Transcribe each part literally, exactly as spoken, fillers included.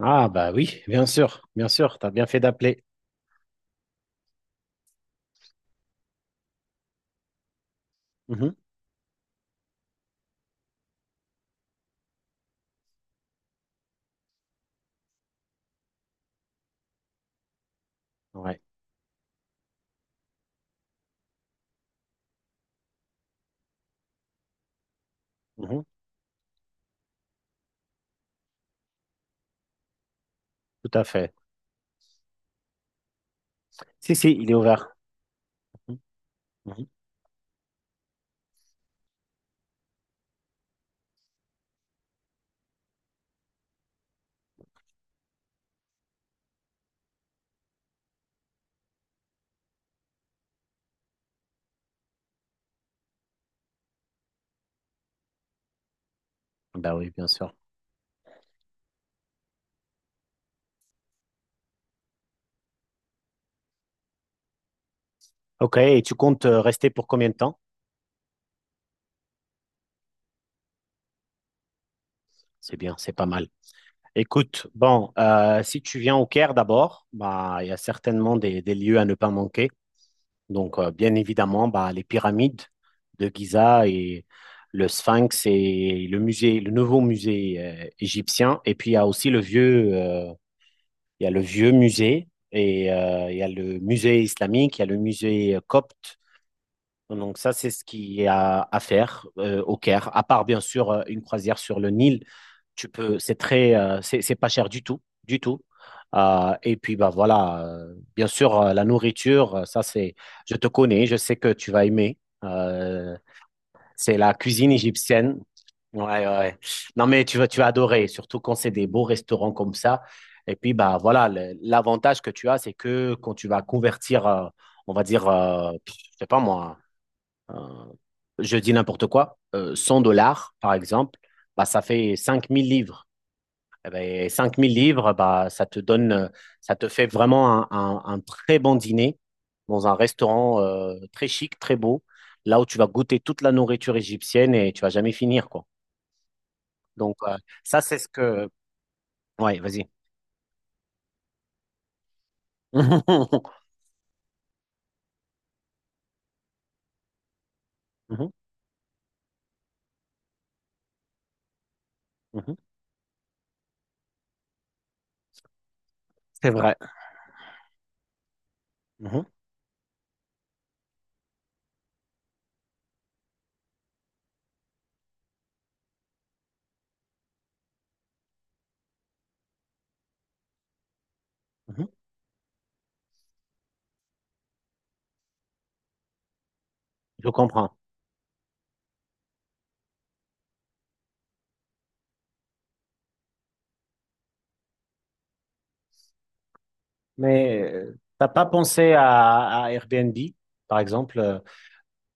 Ah bah oui, bien sûr, bien sûr, t'as bien fait d'appeler. Mhm. Ouais. Mhm, tout à fait. Si, si, il est ouvert. Mhm, mhm. Bah oui, bien sûr. Ok, et tu comptes euh, rester pour combien de temps? C'est bien, c'est pas mal. Écoute, bon, euh, si tu viens au Caire d'abord, bah il y a certainement des, des lieux à ne pas manquer. Donc euh, bien évidemment, bah les pyramides de Giza et le Sphinx et le musée, le nouveau musée euh, égyptien. Et puis il y a aussi le vieux. euh, Il y a le vieux musée et euh, il y a le musée islamique, il y a le musée euh, copte. Donc ça, c'est ce qu'il y a à faire euh, au Caire. À part bien sûr euh, une croisière sur le Nil, tu peux, c'est très, euh, c'est c'est pas cher du tout, du tout. Euh, et puis bah voilà, euh, bien sûr euh, la nourriture, euh, ça c'est, je te connais, je sais que tu vas aimer. Euh, c'est la cuisine égyptienne. Ouais, ouais, ouais. Non, mais tu vas, tu vas adorer, surtout quand c'est des beaux restaurants comme ça. Et puis, bah, voilà, le- l'avantage que tu as, c'est que quand tu vas convertir, euh, on va dire, euh, pff, je sais pas moi, euh, je dis n'importe quoi, euh, cent dollars, par exemple, bah, ça fait cinq mille livres. Eh ben, cinq mille livres, bah, ça te donne, euh, ça te fait vraiment un, un- un très bon dîner dans un restaurant euh, très chic, très beau, là où tu vas goûter toute la nourriture égyptienne et tu vas jamais finir, quoi. Donc, euh, ça, c'est ce que... Ouais, vas-y. Mhm, mhm. C'est vrai. Mhm, mhm. Je comprends. Mais euh, t'as pas pensé à, à Airbnb, par exemple? euh,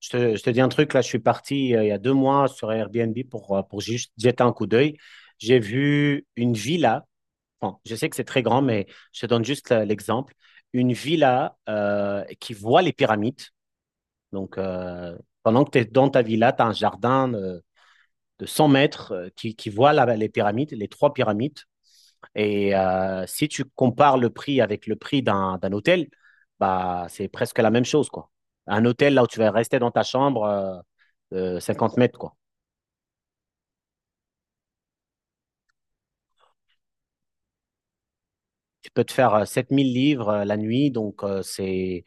Je te, je te dis un truc, là, je suis parti euh, il y a deux mois sur Airbnb pour, euh, pour juste jeter un coup d'œil. J'ai vu une villa. Bon, je sais que c'est très grand, mais je te donne juste euh, l'exemple. Une villa euh, qui voit les pyramides. Donc, euh, pendant que tu es dans ta villa, tu as un jardin euh, de cent mètres euh, qui, qui voit la- les pyramides, les trois pyramides. Et euh, si tu compares le prix avec le prix d'un d'un hôtel, bah, c'est presque la même chose, quoi. Un hôtel, là où tu vas rester dans ta chambre, euh, euh, cinquante mètres, quoi. Tu peux te faire euh, sept mille livres euh, la nuit, donc euh, c'est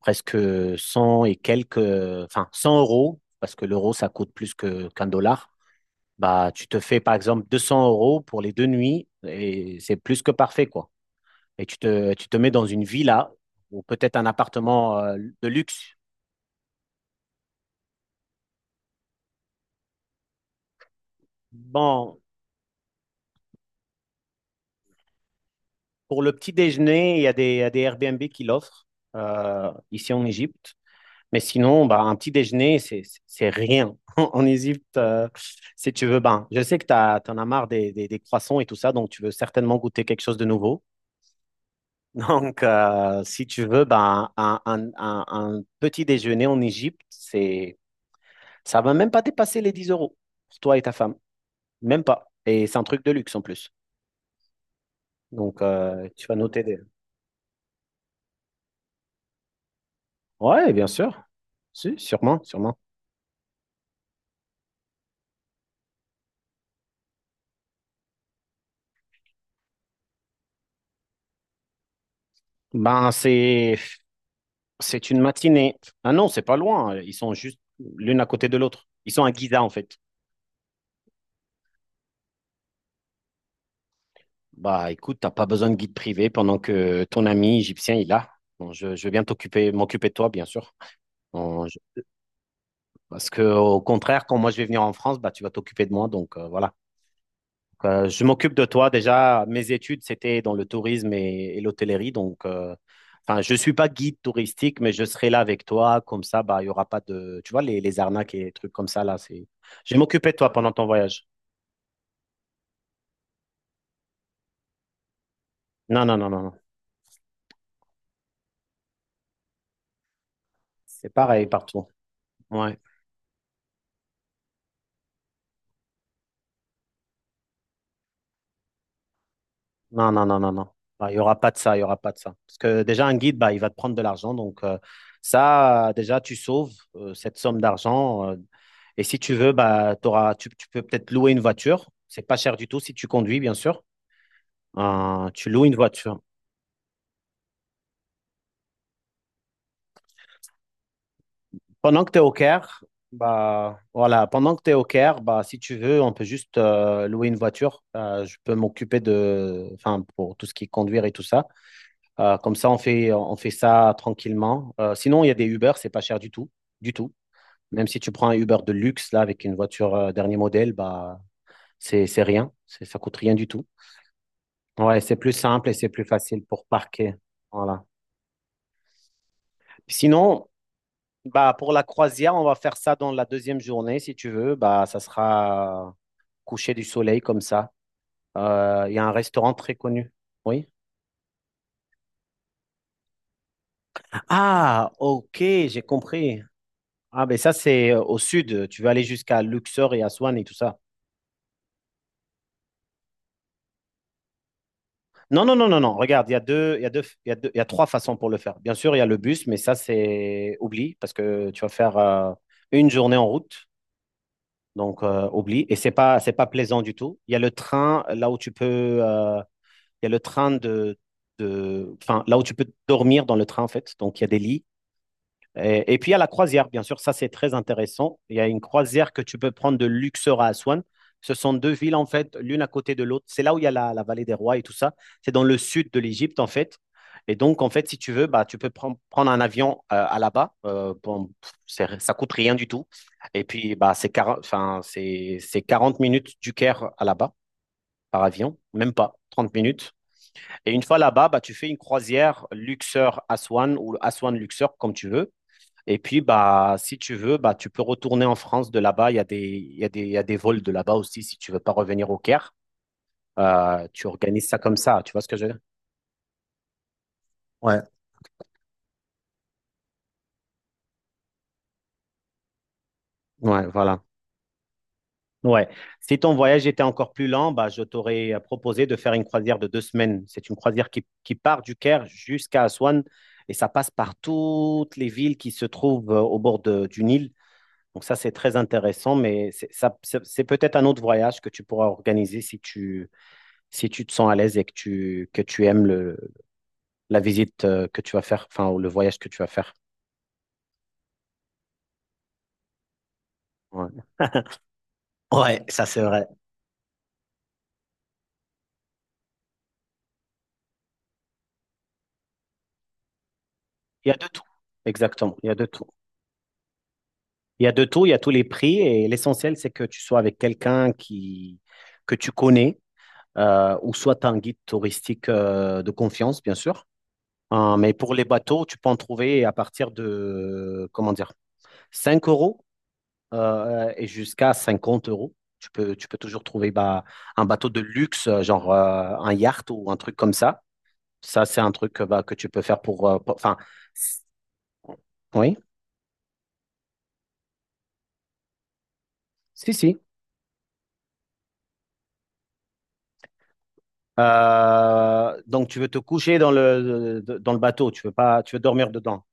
presque cent et quelques, euh, enfin cent euros, parce que l'euro, ça coûte plus que, qu'un dollar. Bah, tu te fais, par exemple, deux cents euros pour les deux nuits, et c'est plus que parfait, quoi. Et tu te, tu te mets dans une villa, ou peut-être un appartement euh, de luxe. Bon, pour le petit déjeuner, il y a des, il y a des Airbnb qui l'offrent euh, ici en Égypte. Mais sinon, bah, un petit déjeuner, c'est c'est rien. En Égypte, euh, si tu veux, ben, je sais que tu en as marre des, des- des croissants et tout ça, donc tu veux certainement goûter quelque chose de nouveau. Donc, euh, si tu veux, ben, un, un- un- un petit déjeuner en Égypte, c'est, ça va même pas dépasser les dix euros pour toi et ta femme. Même pas. Et c'est un truc de luxe en plus. Donc, euh, tu vas noter des... Ouais, bien sûr. Si, sûrement, sûrement. Ben, c'est c'est une matinée. Ah non, c'est pas loin. Ils sont juste l'une à côté de l'autre. Ils sont à Giza, en fait. Bah, écoute, t'as pas besoin de guide privé pendant que ton ami égyptien il a. Bon, je, je vais bien t'occuper, m'occuper de toi, bien sûr. Bon, je- parce que au contraire, quand moi je vais venir en France, bah, tu vas t'occuper de moi. Donc euh, voilà. Euh, je m'occupe de toi. Déjà, mes études, c'était dans le tourisme et, et l'hôtellerie. Donc, euh, enfin, je ne suis pas guide touristique, mais je serai là avec toi. Comme ça, bah, il n'y aura pas de, tu vois, les, les arnaques et trucs comme ça, là. C'est... Je vais m'occuper de toi pendant ton voyage. Non, non, non, non, non. C'est pareil partout. Ouais. Non, non, non, non, non. Bah, il y aura pas de ça, il y aura pas de ça. Parce que déjà, un guide, bah, il va te prendre de l'argent. Donc, euh, ça, euh, déjà, tu sauves euh, cette somme d'argent. Euh, et si tu veux, bah, t'auras, tu, tu peux peut-être louer une voiture. C'est pas cher du tout si tu conduis, bien sûr. Euh, tu loues une voiture. Pendant que tu es au Caire, bah, voilà, pendant que tu es au Caire, bah, si tu veux, on peut juste euh, louer une voiture. Euh, je peux m'occuper de, enfin, pour tout ce qui est conduire et tout ça. Euh, comme ça, on fait, on fait ça tranquillement. Euh, sinon, il y a des Uber, c'est pas cher du tout, du tout. Même si tu prends un Uber de luxe, là, avec une voiture euh, dernier modèle, bah, c'est, c'est rien. C'est, ça coûte rien du tout. Ouais, c'est plus simple et c'est plus facile pour parquer. Voilà. Sinon, bah, pour la croisière, on va faire ça dans la deuxième journée, si tu veux. Bah, ça sera euh, coucher du soleil comme ça. Euh, Il y a un restaurant très connu. Oui. Ah, ok, j'ai compris. Ah, ben ça, c'est euh, au sud. Tu vas aller jusqu'à Luxor et Aswan et tout ça. Non, non, non, non, non. Regarde, il y a deux, il y a deux, il y a deux- il y a trois façons pour le faire. Bien sûr, il y a le bus, mais ça, c'est oublie parce que tu vas faire euh, une journée en route. Donc, euh, oublie. Et c'est pas, c'est pas plaisant du tout. Il y a le train là où tu peux, euh, il y a le train de, de, enfin, là où tu peux dormir dans le train, en fait. Donc, il y a des lits. Et, et puis il y a la croisière, bien sûr, ça c'est très intéressant. Il y a une croisière que tu peux prendre de Luxor à Aswan. Ce sont deux villes, en fait, l'une à côté de l'autre. C'est là où il y a la, la vallée des rois et tout ça. C'est dans le sud de l'Égypte, en fait. Et donc, en fait, si tu veux, bah, tu peux prendre, prendre un avion euh, à là-bas. Euh, bon, pff, c'est- ça coûte rien du tout. Et puis, bah, c'est quarante, enfin, c'est, c'est quarante minutes du Caire à là-bas par avion, même pas, trente minutes. Et une fois là-bas, bah, tu fais une croisière Luxor-Aswan ou Aswan-Luxor, comme tu veux. Et puis, bah, si tu veux, bah, tu peux retourner en France de là-bas. Il y a des, il y a des, il y a des vols de là-bas aussi si tu veux pas revenir au Caire. Euh, tu organises ça comme ça. Tu vois ce que je veux dire? Ouais. Ouais, voilà. Ouais. Si ton voyage était encore plus lent, bah, je t'aurais euh, proposé de faire une croisière de deux semaines. C'est une croisière qui, qui part du Caire jusqu'à Aswan et ça passe par toutes les villes qui se trouvent euh, au bord de- du Nil. Donc ça, c'est très intéressant, mais c'est ça- c'est- c'est peut-être un autre voyage que tu pourras organiser si tu, si tu te sens à l'aise et que tu, que tu aimes le, la visite euh, que tu vas faire, enfin, ou le voyage que tu vas faire. Ouais. Ouais, ça c'est vrai. Il y a de tout. Exactement, il y a de tout. Il y a de tout, il y a tous les prix et l'essentiel, c'est que tu sois avec quelqu'un qui, que tu connais euh, ou soit tu as un guide touristique euh, de confiance, bien sûr. Hein, mais pour les bateaux, tu peux en trouver à partir de, comment dire, cinq euros euh, euh, et jusqu'à cinquante euros. Tu peux, tu peux toujours trouver bah, un bateau de luxe, euh, genre euh, un yacht ou un truc comme ça. Ça, c'est un truc euh, bah, que tu peux faire pour. euh, pour- Enfin, oui, si, si. Euh, donc, tu veux te coucher dans le, de- dans le bateau, tu veux pas, tu veux dormir dedans.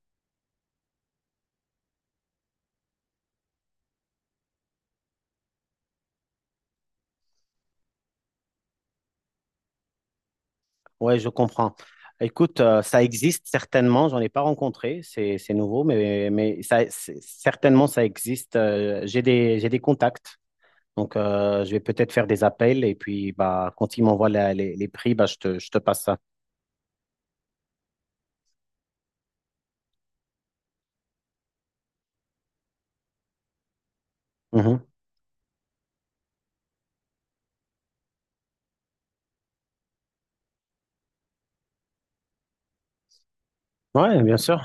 Oui, je comprends. Écoute, euh, ça existe certainement, j'en ai pas rencontré, c'est, c'est nouveau, mais, mais ça, c'est- certainement ça existe. Euh, j'ai des, j'ai des contacts. Donc, euh, je vais peut-être faire des appels et puis bah, quand ils m'envoient la- les, les prix, bah, je te, je te passe ça. Mhm. Ouais, bien sûr.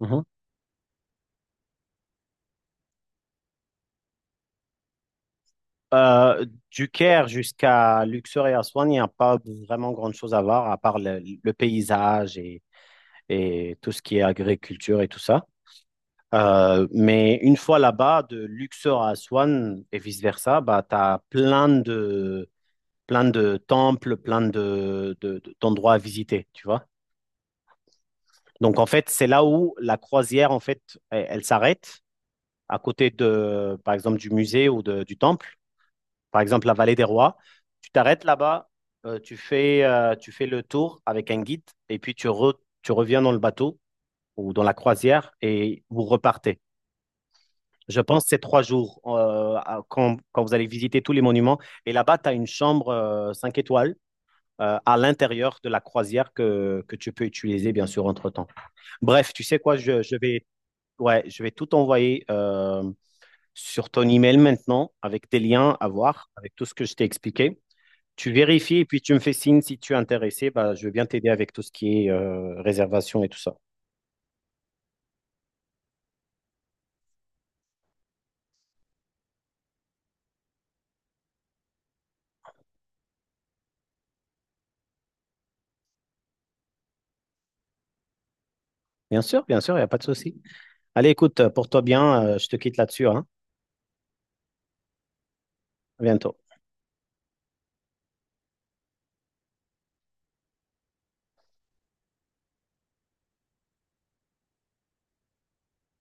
Mhm. Euh, du Caire jusqu'à Luxor et Aswan, il n'y a pas vraiment grand-chose à voir à part le, le paysage et, et tout ce qui est agriculture et tout ça. Euh, mais une fois là-bas, de Luxor à Aswan et vice-versa, bah, tu as plein de, plein de temples, plein de, de- de- d'endroits à visiter, tu vois. Donc, en fait, c'est là où la croisière, en fait, elle, elle s'arrête à côté de, par exemple, du musée ou de- du temple, par exemple, la vallée des rois. Tu t'arrêtes là-bas, euh, tu fais, euh, tu fais le tour avec un guide et puis tu, re- tu reviens dans le bateau ou dans la croisière et vous repartez. Je pense que c'est trois jours euh, à- quand, quand vous allez visiter tous les monuments. Et là-bas, tu as une chambre euh, cinq étoiles euh, à l'intérieur de la croisière que, que tu peux utiliser, bien sûr, entre-temps. Bref, tu sais quoi, je, je vais, ouais, je vais tout envoyer euh, sur ton email maintenant avec tes liens à voir, avec tout ce que je t'ai expliqué. Tu vérifies et puis tu me fais signe si tu es intéressé. Bah, je veux bien t'aider avec tout ce qui est euh, réservation et tout ça. Bien sûr, bien sûr, il n'y a pas de souci. Allez, écoute, euh, porte-toi bien. Euh, je te quitte là-dessus, hein. À bientôt.